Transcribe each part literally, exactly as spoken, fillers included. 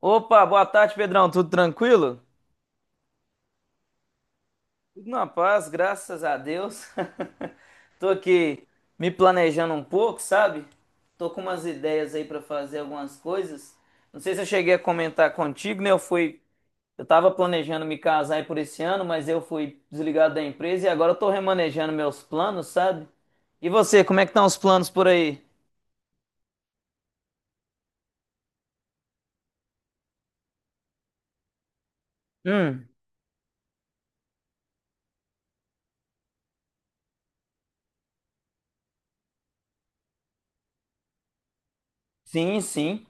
Opa, boa tarde, Pedrão. Tudo tranquilo? Tudo na paz, graças a Deus. Tô aqui me planejando um pouco, sabe? Tô com umas ideias aí pra fazer algumas coisas. Não sei se eu cheguei a comentar contigo, né? Eu fui, eu tava planejando me casar aí por esse ano, mas eu fui desligado da empresa e agora eu tô remanejando meus planos, sabe? E você, como é que estão os planos por aí? Hum, sim, sim.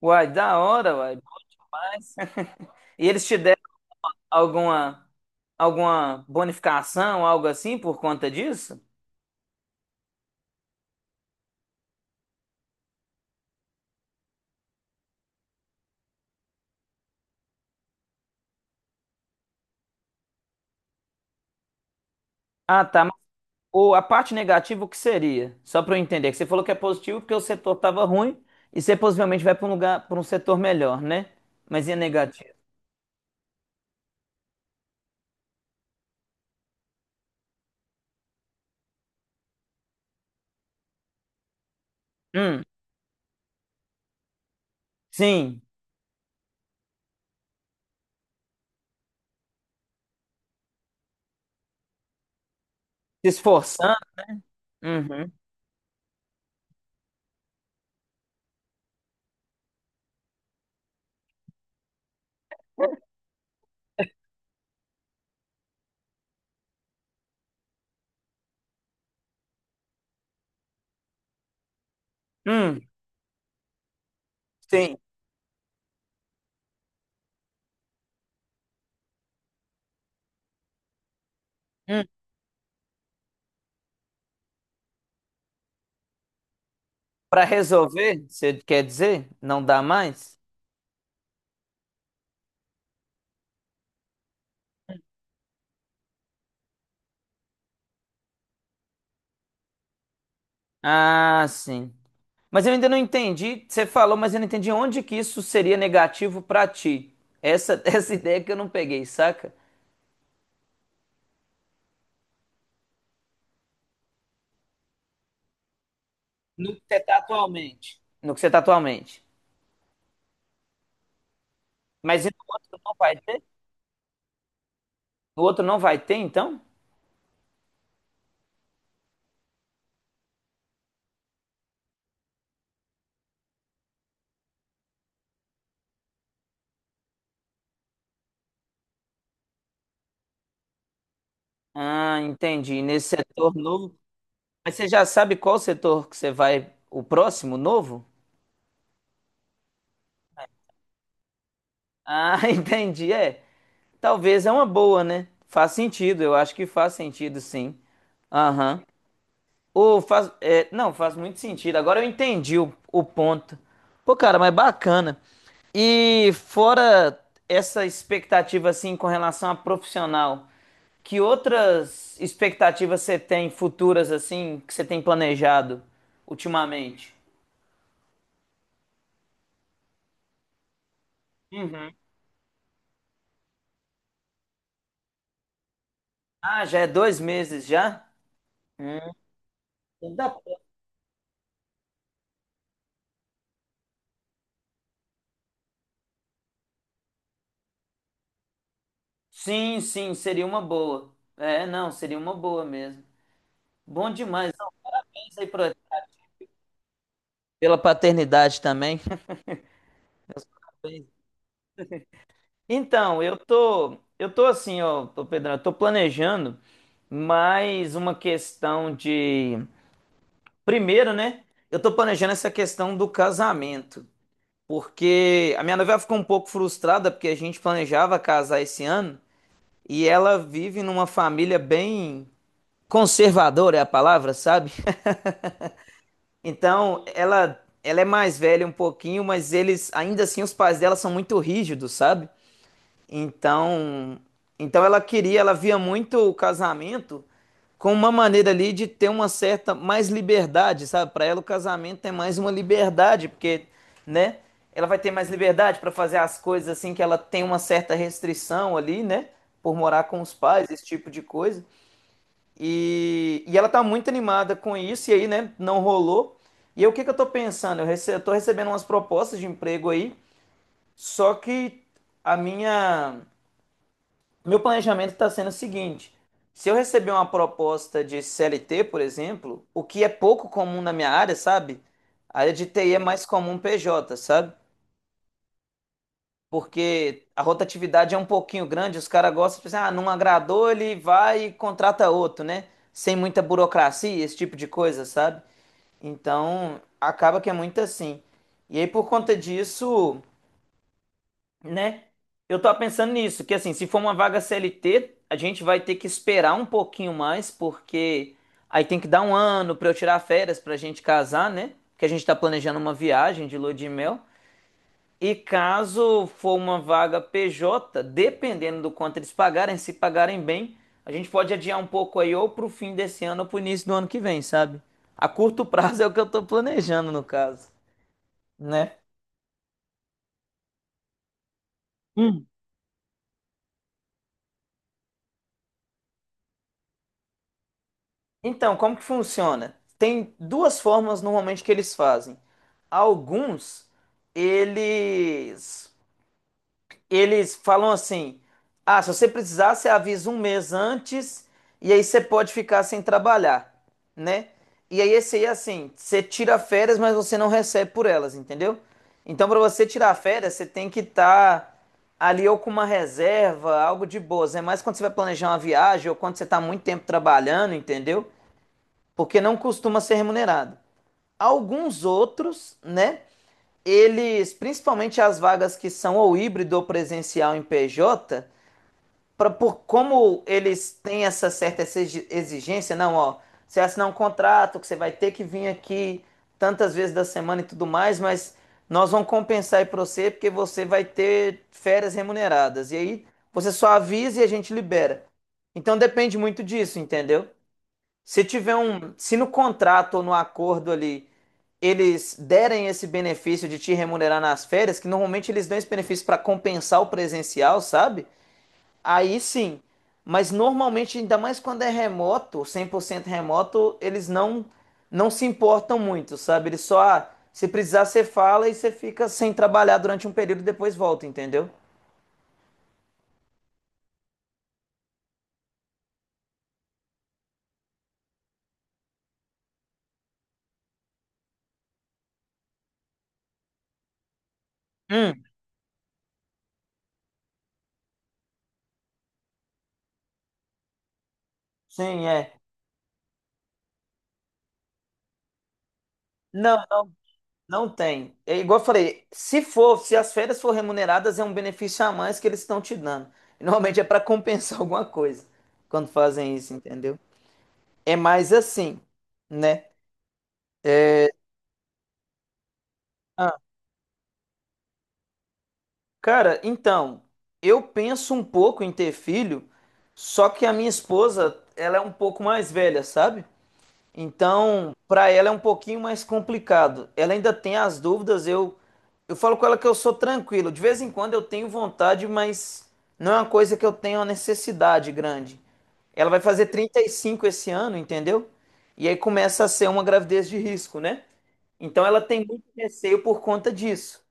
Uai, da hora, uai. E eles te deram alguma alguma bonificação, algo assim por conta disso? Ah, tá. Mas o, a parte negativa, o que seria? Só para eu entender, que você falou que é positivo porque o setor estava ruim e você possivelmente vai para um lugar, para um setor melhor, né? Mas e a negativa? Hum, sim. Se esforçando. Uhum. Hum, sim. Hum. Para resolver, você quer dizer? Não dá mais? Ah, sim. Mas eu ainda não entendi, você falou, mas eu não entendi onde que isso seria negativo pra ti. Essa, essa ideia que eu não peguei, saca? No que você está atualmente. No que você tá atualmente. Mas e no outro não vai ter? No outro não vai ter, então? Ah, entendi. Nesse setor novo. Mas você já sabe qual setor que você vai, o próximo novo? Ah, entendi. É. Talvez é uma boa, né? Faz sentido, eu acho que faz sentido, sim. Aham. Ô, faz, é, não, faz muito sentido. Agora eu entendi o, o ponto. Pô, cara, mas bacana. E fora essa expectativa, assim, com relação a profissional, que outras expectativas você tem futuras, assim, que você tem planejado ultimamente? Uhum. Ah, já é dois meses já? Hum, dá sim, sim, seria uma boa. É, não, seria uma boa mesmo. Bom demais. Parabéns aí pro- pela paternidade também. Então, eu tô, eu tô assim, ó, ô Pedrão, eu tô planejando mais uma questão de. Primeiro, né? Eu tô planejando essa questão do casamento, porque a minha noiva ficou um pouco frustrada porque a gente planejava casar esse ano e ela vive numa família bem conservadora, é a palavra, sabe? Então, ela, ela é mais velha um pouquinho, mas eles, ainda assim, os pais dela são muito rígidos, sabe? Então, então ela queria, ela via muito o casamento como uma maneira ali de ter uma certa mais liberdade, sabe? Para ela o casamento é mais uma liberdade, porque, né? Ela vai ter mais liberdade para fazer as coisas assim que ela tem uma certa restrição ali, né? Por morar com os pais, esse tipo de coisa. E, e ela tá muito animada com isso, e aí, né, não rolou. E aí, o que que eu tô pensando? Eu, rece eu tô recebendo umas propostas de emprego aí, só que a minha meu planejamento está sendo o seguinte: se eu receber uma proposta de C L T, por exemplo, o que é pouco comum na minha área, sabe? A área de T I é mais comum P J, sabe? Porque a rotatividade é um pouquinho grande, os caras gostam de pensar, ah, não agradou, ele vai e contrata outro, né? Sem muita burocracia, esse tipo de coisa, sabe? Então, acaba que é muito assim. E aí, por conta disso. Né? Eu tava pensando nisso, que assim, se for uma vaga C L T, a gente vai ter que esperar um pouquinho mais, porque aí tem que dar um ano pra eu tirar férias pra gente casar, né? Que a gente tá planejando uma viagem de lua de mel. E caso for uma vaga P J, dependendo do quanto eles pagarem, se pagarem bem, a gente pode adiar um pouco aí ou pro fim desse ano ou pro início do ano que vem, sabe? A curto prazo é o que eu tô planejando no caso, né? Então, como que funciona? Tem duas formas normalmente que eles fazem. Alguns, eles eles falam assim: "Ah, se você precisar, você avisa um mês antes e aí você pode ficar sem trabalhar", né? E aí esse aí é assim, você tira férias, mas você não recebe por elas, entendeu? Então, para você tirar férias, você tem que estar ali ou com uma reserva, algo de boas. É mais quando você vai planejar uma viagem ou quando você está muito tempo trabalhando, entendeu? Porque não costuma ser remunerado. Alguns outros, né? Eles, principalmente as vagas que são ou híbrido ou presencial em P J, pra, por como eles têm essa certa exigência, não, ó, você assinar um contrato que você vai ter que vir aqui tantas vezes da semana e tudo mais, mas nós vamos compensar aí para você porque você vai ter férias remuneradas. E aí você só avisa e a gente libera. Então depende muito disso, entendeu? Se tiver um, se no contrato ou no acordo ali eles derem esse benefício de te remunerar nas férias, que normalmente eles dão esse benefício para compensar o presencial, sabe? Aí sim. Mas normalmente, ainda mais quando é remoto, cem por cento remoto, eles não não se importam muito, sabe? Eles só, ah, se precisar, você fala e você fica sem trabalhar durante um período e depois volta, entendeu? Hum, sim, é. Não, Não tem. É igual eu falei, se for, se as férias for remuneradas, é um benefício a mais que eles estão te dando. E, Normalmente é para compensar alguma coisa quando fazem isso, entendeu? É mais assim, né? Ah, cara, então, eu penso um pouco em ter filho, só que a minha esposa, ela é um pouco mais velha, sabe? Então, para ela é um pouquinho mais complicado. Ela ainda tem as dúvidas. Eu, eu falo com ela que eu sou tranquilo. De vez em quando eu tenho vontade, mas não é uma coisa que eu tenho uma necessidade grande. Ela vai fazer trinta e cinco esse ano, entendeu? E aí começa a ser uma gravidez de risco, né? Então ela tem muito receio por conta disso.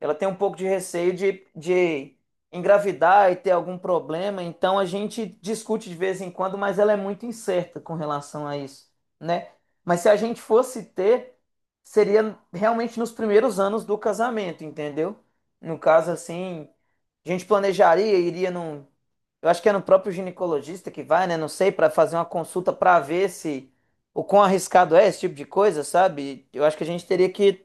Ela tem um pouco de receio de, de engravidar e ter algum problema, então a gente discute de vez em quando, mas ela é muito incerta com relação a isso, né? Mas se a gente fosse ter, seria realmente nos primeiros anos do casamento, entendeu? No caso, assim, a gente planejaria, iria num. Eu acho que é no próprio ginecologista que vai, né? Não sei, para fazer uma consulta para ver se o quão arriscado é esse tipo de coisa, sabe? Eu acho que a gente teria que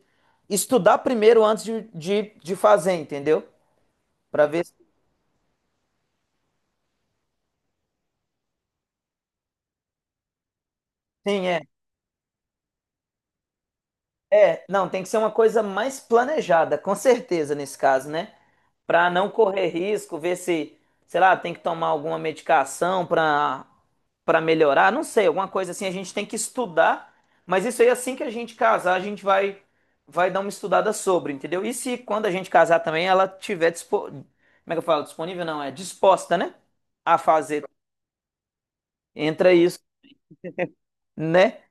estudar primeiro antes de, de, de fazer, entendeu? Para ver se. Sim, é. É, não, tem que ser uma coisa mais planejada, com certeza, nesse caso, né? Para não correr risco, ver se, sei lá, tem que tomar alguma medicação para para melhorar, não sei, alguma coisa assim, a gente tem que estudar, mas isso aí, assim que a gente casar, a gente vai, vai dar uma estudada sobre, entendeu? E se quando a gente casar também ela tiver dispo... Como é que eu falo? Disponível não, é disposta, né? A fazer. Entra isso, né?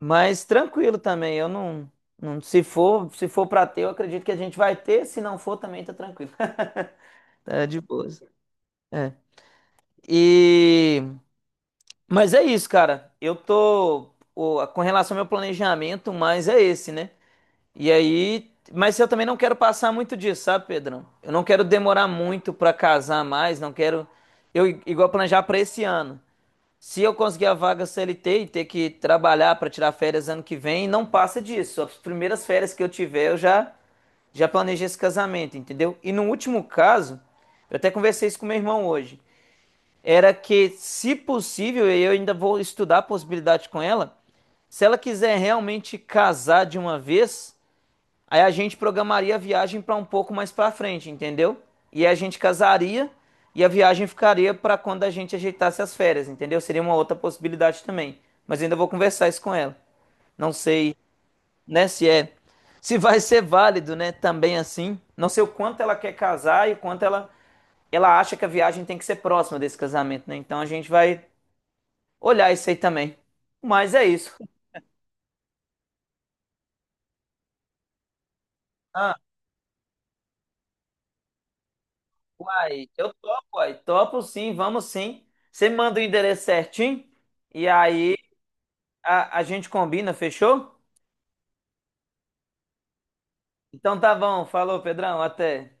Mas tranquilo também, eu não, não se for, se for para ter, eu acredito que a gente vai ter, se não for também tá tranquilo. Tá de boas. É. E mas é isso, cara. Eu tô o- com relação ao meu planejamento, mas é esse, né? E aí, mas eu também não quero passar muito disso, sabe, Pedrão? Eu não quero demorar muito pra casar mais, não quero eu i- igual planejar pra esse ano. Se eu conseguir a vaga C L T e ter que trabalhar para tirar férias ano que vem, não passa disso. As primeiras férias que eu tiver, eu já já planejei esse casamento, entendeu? E no último caso, eu até conversei isso com meu irmão hoje, era que se possível, e eu ainda vou estudar a possibilidade com ela, se ela quiser realmente casar de uma vez, Aí a gente programaria a viagem para um pouco mais para frente, entendeu? E a gente casaria e a viagem ficaria para quando a gente ajeitasse as férias, entendeu? Seria uma outra possibilidade também. Mas ainda vou conversar isso com ela. Não sei, né, se é, se vai ser válido, né, também assim. Não sei o quanto ela quer casar e o quanto ela ela acha que a viagem tem que ser próxima desse casamento, né? Então a gente vai olhar isso aí também. Mas é isso. Ah, uai, eu topo, uai. Topo sim, vamos sim. Você manda o endereço certinho e aí a, a gente combina, fechou? Então tá bom, falou, Pedrão, até.